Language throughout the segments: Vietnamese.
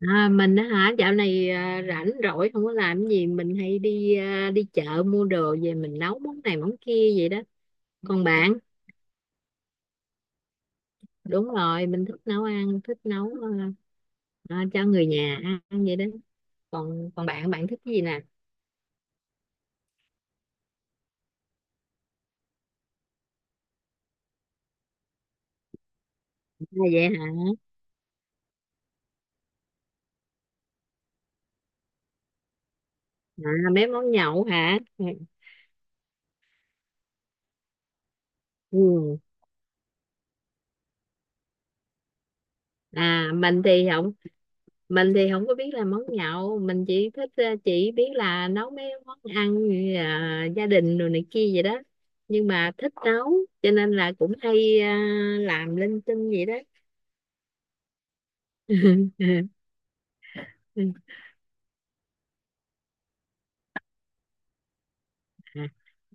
À, mình á hả dạo này rảnh rỗi không có làm gì, mình hay đi đi chợ mua đồ về mình nấu món này món kia vậy đó. Còn bạn? Đúng rồi, mình thích nấu ăn, thích nấu, à, cho người nhà ăn vậy đó. Còn còn bạn bạn thích cái gì nè? Vậy hả? à, Mấy món nhậu hả? Ừ. À, mình thì không, mình thì không có biết làm món nhậu. Mình chỉ thích chỉ biết là nấu mấy món ăn như là gia đình rồi này kia vậy đó. Nhưng mà thích nấu, cho nên là cũng hay, làm linh tinh vậy đó.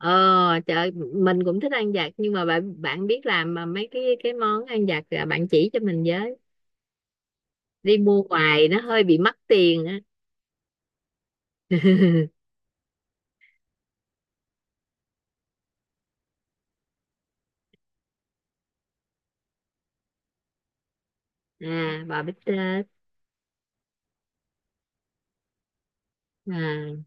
Ờ trời, mình cũng thích ăn vặt, nhưng mà bạn bạn biết làm mà mấy cái món ăn vặt bạn chỉ cho mình với. Đi mua ngoài nó hơi bị mắc tiền á. À, bò bít tết. À,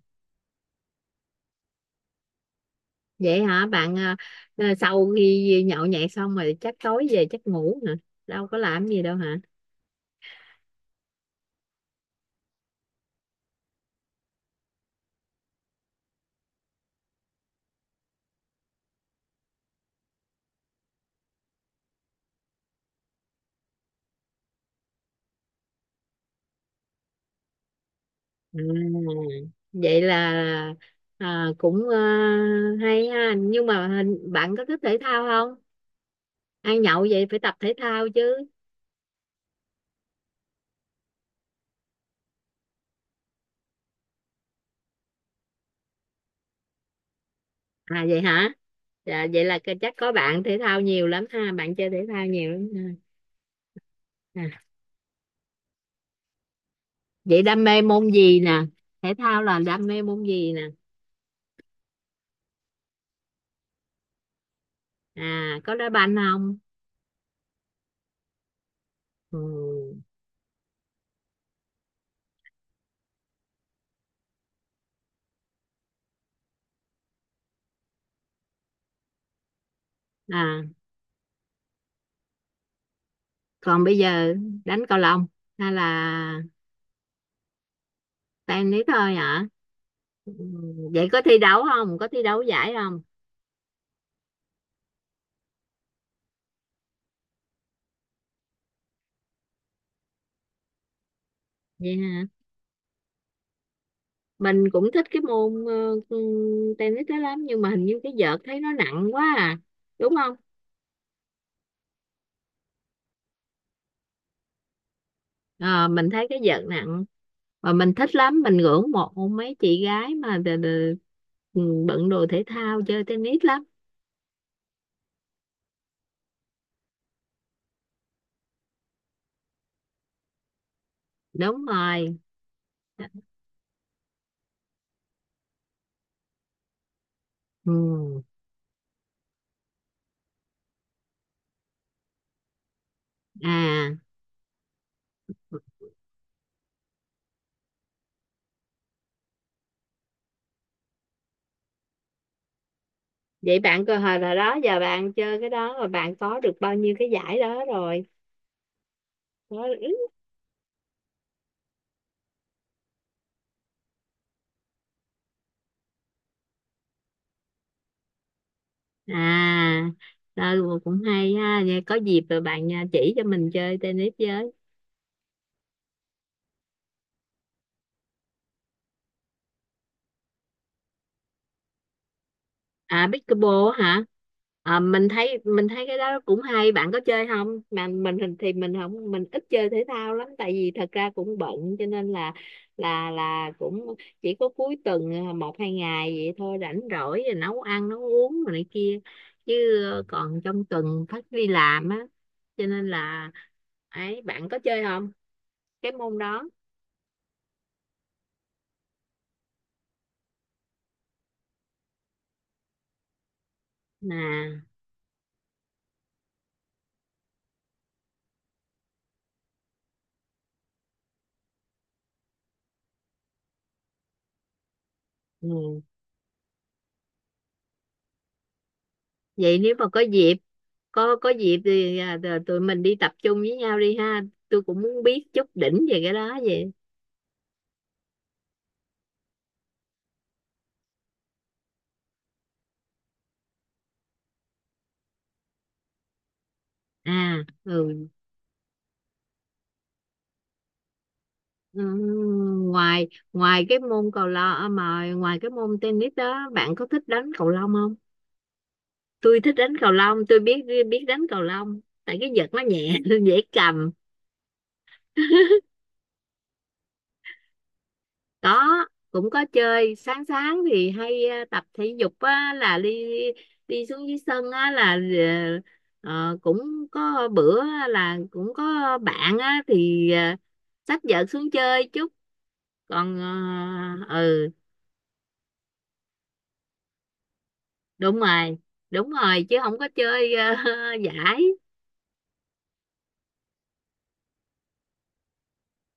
vậy hả bạn? À, Sau khi nhậu nhẹt xong rồi chắc tối về chắc ngủ hả? Đâu có làm gì đâu hả? À, vậy là, cũng, hay ha. Nhưng mà hình bạn có thích thể thao không? Ăn nhậu vậy phải tập thể thao chứ. À vậy hả? Dạ, vậy là chắc có bạn thể thao nhiều lắm ha, bạn chơi thể thao nhiều lắm ha. À. Vậy đam mê môn gì nè? Thể thao là đam mê môn gì nè? À, có đá banh không? Ừ. À, còn bây giờ đánh cầu lông hay là tennis thôi hả? Ừ, vậy có thi đấu không, có thi đấu giải không? Vậy hả? Mình cũng thích cái môn tennis đó lắm, nhưng mà hình như cái vợt thấy nó nặng quá à, đúng không? Ờ, mình thấy cái vợt nặng mà mình thích lắm. Mình ngưỡng mộ mấy chị gái mà ừ, bận đồ thể thao chơi tennis lắm. Đúng rồi. Ừ. À vậy bạn cơ hội rồi đó, giờ bạn chơi cái đó rồi bạn có được bao nhiêu cái giải đó rồi? Có à? Rồi cũng hay ha. Vậy có dịp rồi bạn chỉ cho mình chơi tennis với. À pickleball hả? À, mình thấy cái đó cũng hay. Bạn có chơi không? Mà mình thì mình không mình ít chơi thể thao lắm, tại vì thật ra cũng bận, cho nên là là cũng chỉ có cuối tuần, một hai ngày vậy thôi, rảnh rỗi rồi nấu ăn nấu uống rồi này kia chứ. Còn trong tuần phải đi làm á, cho nên là ấy, bạn có chơi không cái môn đó nè? Ừ. Vậy nếu mà có dịp, có dịp thì tụi mình đi tập trung với nhau đi ha. Tôi cũng muốn biết chút đỉnh về cái đó vậy. À ừ. Ừ, ngoài ngoài cái môn cầu lông à, mà ngoài cái môn tennis đó bạn có thích đánh cầu lông không? Tôi thích đánh cầu lông, tôi biết biết đánh cầu lông, tại cái vợt nó nhẹ dễ cầm. Có, cũng có chơi. Sáng sáng thì hay tập thể dục á, là đi, đi xuống dưới sân á, là ờ, cũng có bữa á, là cũng có bạn á, thì xách vợt xuống chơi chút. Còn ờ, ừ đúng rồi, đúng rồi, chứ không có chơi giải.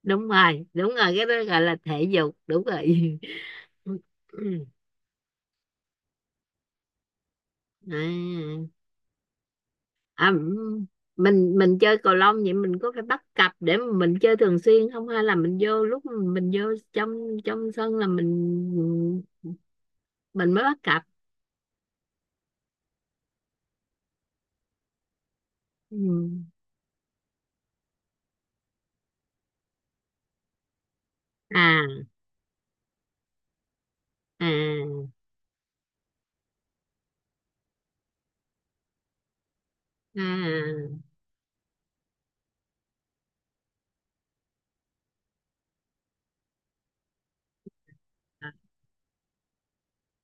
Đúng rồi đúng rồi, cái đó gọi là thể dục, đúng rồi. À, à, m- mình chơi cầu lông vậy mình có phải bắt cặp để mà mình chơi thường xuyên không, hay là mình vô, lúc mình vô trong trong sân là mình mới bắt cặp? Ừ. à à à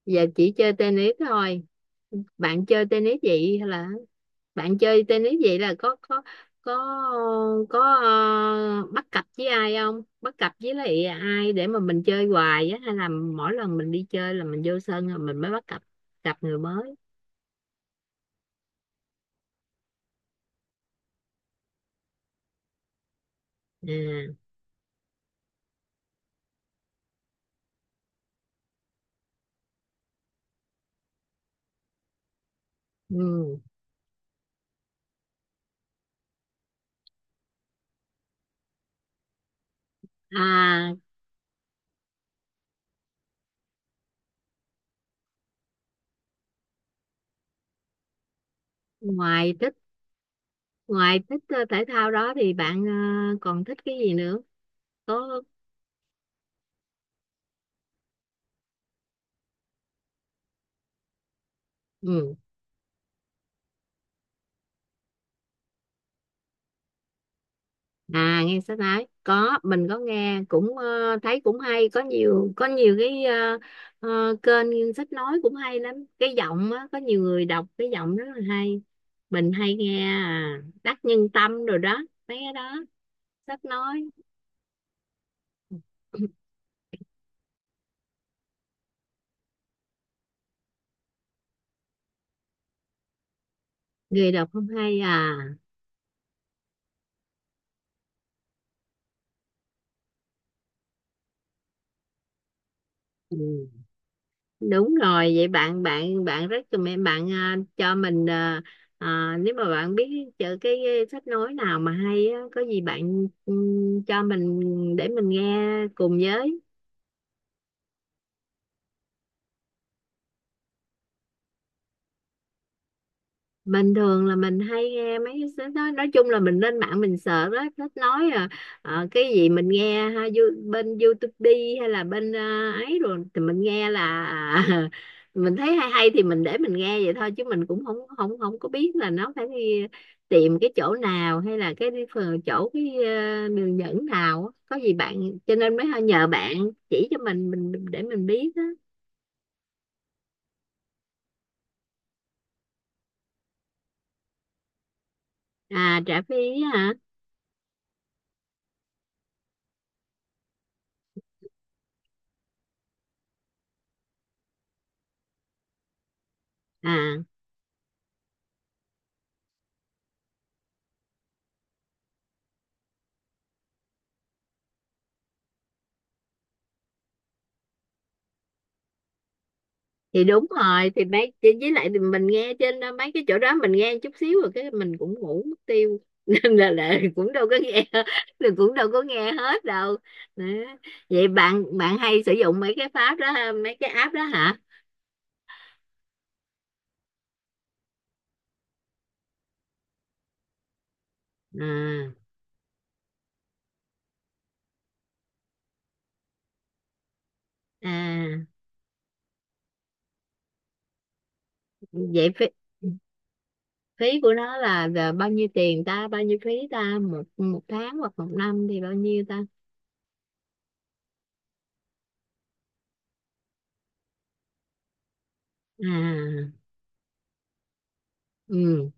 Giờ chỉ chơi tennis thôi, bạn chơi tennis vậy hay là bạn chơi tennis vậy là có có bắt cặp với ai không, bắt cặp với lại ai để mà mình chơi hoài á, hay là mỗi lần mình đi chơi là mình vô sân rồi mình mới bắt cặp, cặp người mới? À, ừ. À ngoài thích, ngoài thích thể thao đó thì bạn còn thích cái gì nữa? Có. Ừ. À nghe sách nói, có mình có nghe, cũng thấy cũng hay. Có nhiều, có nhiều cái kênh sách nói cũng hay lắm, cái giọng á có nhiều người đọc cái giọng rất là hay. Mình hay nghe Đắc Nhân Tâm rồi đó, mấy cái đó, sách nói. Người đọc không hay à? Ừ. Đúng rồi. Vậy bạn bạn bạn rất cho mẹ bạn cho mình nếu mà bạn biết chữ cái, sách nói nào mà hay á, có gì bạn ừ, cho mình để mình nghe cùng với. Mình thường là mình hay nghe mấy cái sách đó, nói chung là mình lên mạng mình sợ đó thích nói cái gì mình nghe ha, bên YouTube đi hay là bên ấy, rồi thì mình nghe là mình thấy hay hay thì mình để mình nghe vậy thôi, chứ mình cũng không không không có biết là nó phải đi tìm cái chỗ nào, hay là cái đi chỗ cái đường dẫn nào á. Có gì bạn, cho nên mới nhờ bạn chỉ cho mình để mình biết á. À trả phí hả? À thì đúng rồi, thì mấy với lại thì mình nghe trên đó, mấy cái chỗ đó mình nghe chút xíu rồi cái mình cũng ngủ mất tiêu nên là cũng đâu có nghe. Mình cũng đâu có nghe hết đâu. Đó. Vậy bạn, bạn hay sử dụng mấy cái pháp đó ha, mấy cái app đó hả? À. À vậy phí, phí của nó là bao nhiêu tiền ta, bao nhiêu phí ta một, một tháng hoặc một năm thì bao nhiêu ta? À ừ.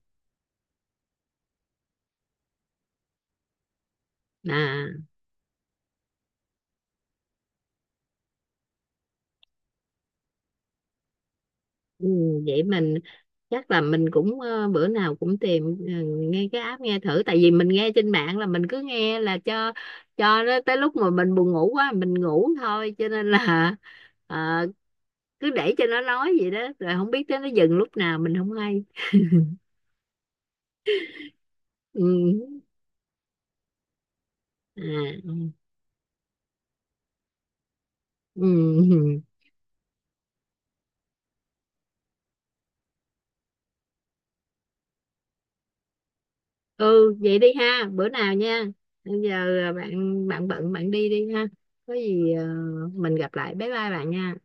À. Ừ, vậy mình chắc là mình cũng bữa nào cũng tìm nghe cái app, nghe thử, tại vì mình nghe trên mạng là mình cứ nghe là cho nó tới lúc mà mình buồn ngủ quá mình ngủ thôi, cho nên là ờ, cứ để cho nó nói vậy đó rồi không biết tới nó dừng lúc nào mình không hay. Ừ. À, ừ. Ừ. Ừ vậy đi ha, bữa nào nha. Bây giờ bạn, bạn bận bạn đi đi ha. Có gì mình gặp lại, bye bye bạn nha.